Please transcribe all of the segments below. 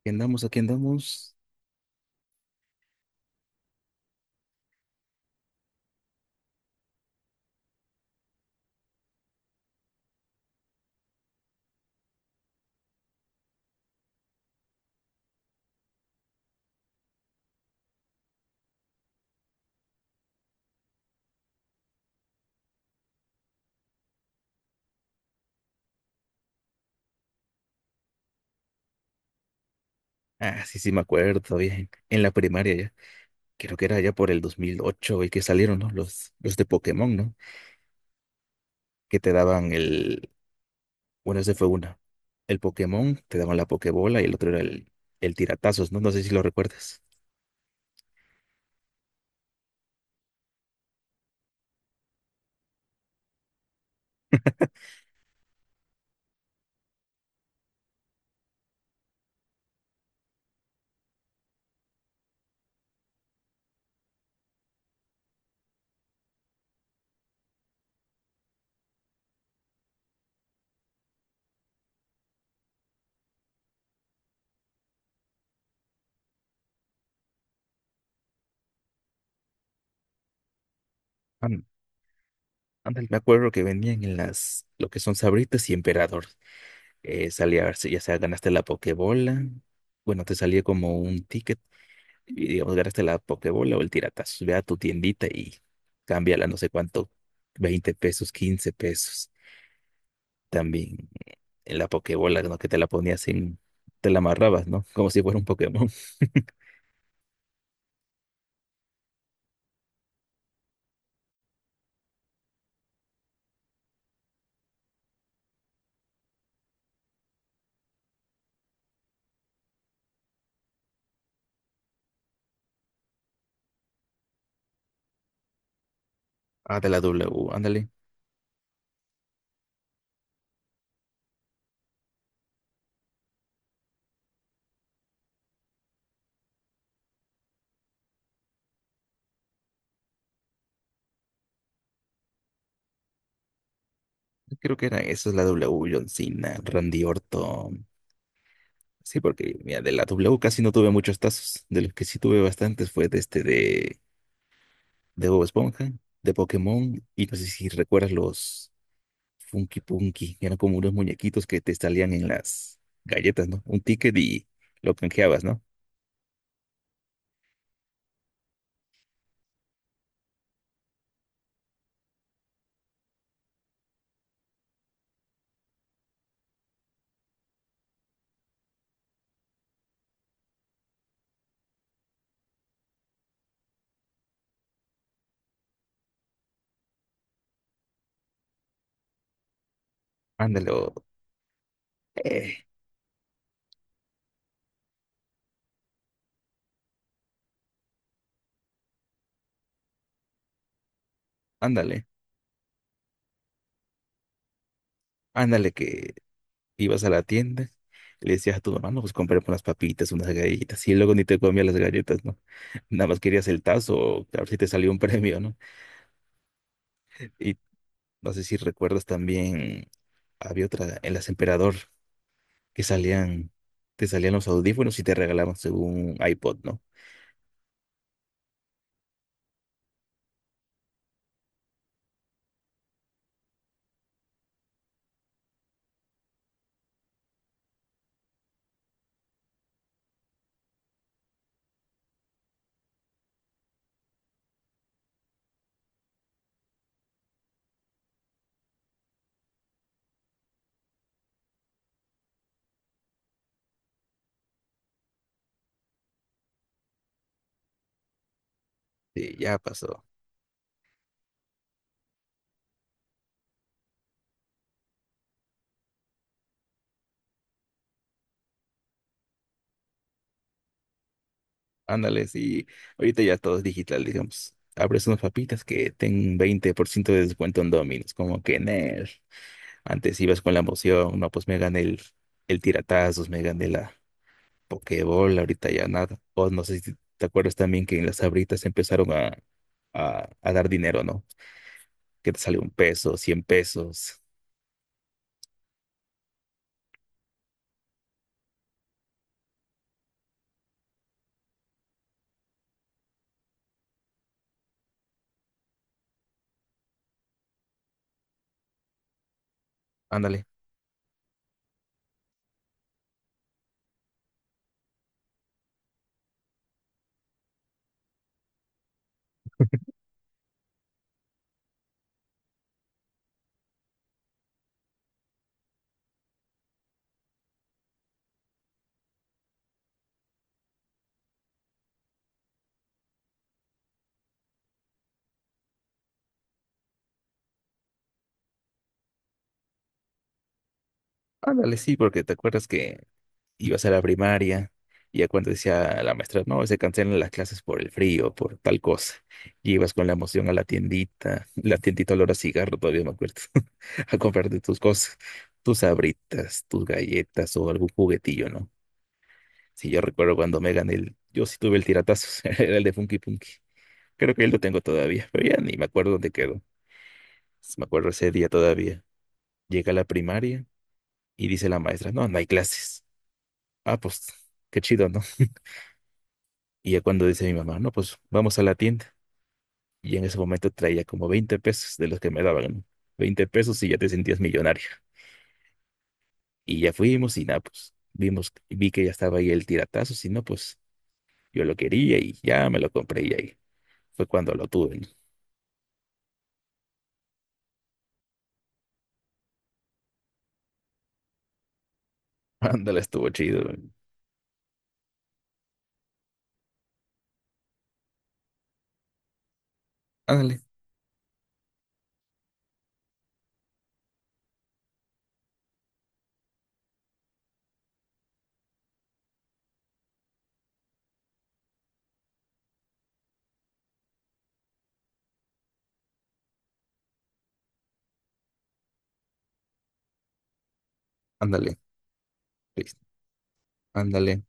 Aquí andamos, aquí andamos. Ah, sí, sí, me acuerdo bien. En la primaria ya. Creo que era ya por el 2008 y que salieron, ¿no? Los de Pokémon, ¿no? Que te daban el. Bueno, ese fue una. El Pokémon, te daban la Pokébola y el otro era el tiratazos, ¿no? No sé si lo recuerdas. An- Ándale, me acuerdo que venían en las. Lo que son Sabritas y Emperador. Salía, si ya sea, ganaste la Pokébola. Bueno, te salía como un ticket y digamos, ganaste la Pokébola o el Tiratazos, ve a tu tiendita y cámbiala no sé cuánto, 20 pesos, 15 pesos. También en la Pokébola, ¿no? Que te la ponías en, te la amarrabas, ¿no? Como si fuera un Pokémon. Ah, de la W, ándale. Creo que era esa es la W, John Cena, Randy Orton. Sí, porque mira, de la W casi no tuve muchos tazos. De los que sí tuve bastantes fue de este de Bob Esponja, de Pokémon, y no sé si recuerdas los. Funky Punky, que eran como unos muñequitos que te salían en las galletas, ¿no? Un ticket y lo canjeabas, ¿no? Ándale, o, eh, ándale, ándale, que ibas a la tienda, le decías a tu mamá, no, pues compré unas papitas, unas galletas, y luego ni te comías las galletas, ¿no? Nada más querías el tazo, a ver si te salió un premio, ¿no? Y no sé si recuerdas también, había otra, en las Emperador, que salían, te salían los audífonos y te regalaban según iPod, ¿no? Sí, ya pasó. Ándale, sí. Ahorita ya todo es digital, digamos. Abres unas papitas que ten 20% de descuento en Domino's, como que en. Antes ibas con la emoción, no, pues me gané el tiratazos, me gané la Pokéball, ahorita ya nada. O no sé si te acuerdas también que en las Sabritas empezaron a dar dinero, ¿no? Que te sale un peso, 100 pesos. Ándale, ándale, sí, porque te acuerdas que ibas a la primaria, y ya cuando decía la maestra, no, se cancelan las clases por el frío, por tal cosa, y ibas con la emoción a la tiendita, la tiendita olor a cigarro, todavía me acuerdo, a comprarte tus cosas, tus sabritas, tus galletas o algún juguetillo, ¿no? Sí, yo recuerdo cuando me gané yo sí tuve el tiratazos era el de Funky Punky, creo que él lo tengo todavía, pero ya ni me acuerdo dónde quedó, me acuerdo ese día todavía, llega a la primaria y dice la maestra, no, no hay clases, ah, pues, qué chido, ¿no? Y ya cuando dice mi mamá, no, pues vamos a la tienda. Y en ese momento traía como 20 pesos de los que me daban, ¿no? 20 pesos y ya te sentías millonario. Y ya fuimos y nada, pues vi que ya estaba ahí el tiratazo, si no, pues yo lo quería y ya me lo compré y ahí fue cuando lo tuve. ¿No? Ándale, estuvo chido. ¿No? Ándale, ándale, Luis, ándale.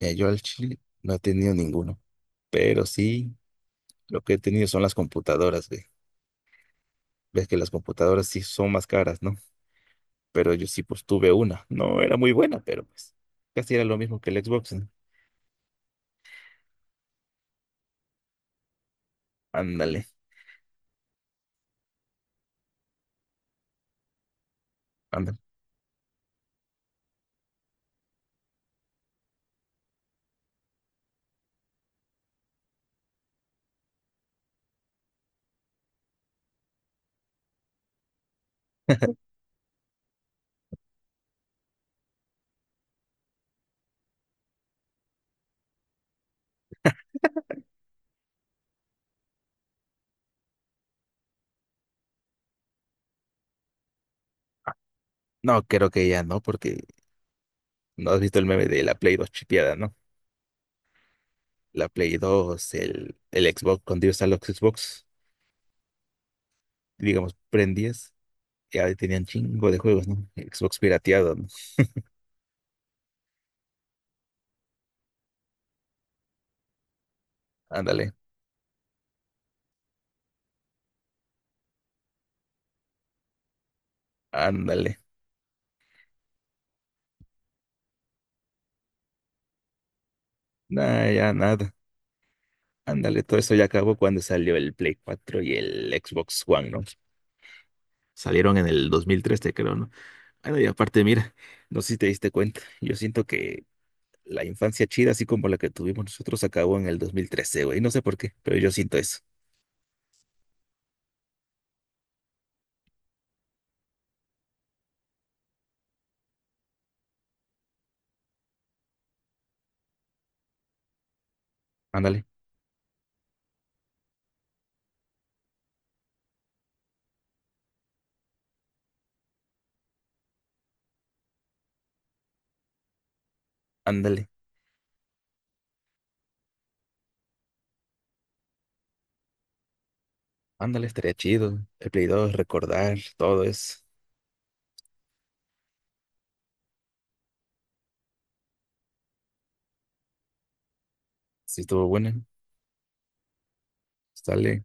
Mira, yo al chile no he tenido ninguno, pero sí, lo que he tenido son las computadoras, güey. Ves que las computadoras sí son más caras, ¿no? pero yo sí pues tuve una. No era muy buena, pero pues casi era lo mismo que el Xbox. ¿No? Ándale, ándale. Ah, no, creo que ya no, porque no has visto el meme de la Play 2 chipeada, ¿no? La Play 2, el Xbox, cuando ibas a los Xbox, digamos, prendías, ya tenían chingo de juegos, ¿no? Xbox pirateado, ¿no? Ándale, ándale. Nada, ya nada. Ándale, todo eso ya acabó cuando salió el Play 4 y el Xbox One, ¿no? Salieron en el 2013, creo, no. Bueno, y aparte, mira, no sé si te diste cuenta, yo siento que la infancia chida, así como la que tuvimos nosotros, acabó en el 2013, güey, no sé por qué, pero yo siento eso. Ándale, ándale, ándale, estaría chido. El Play 2, recordar, todo eso. Sí, estuvo bueno. Sale.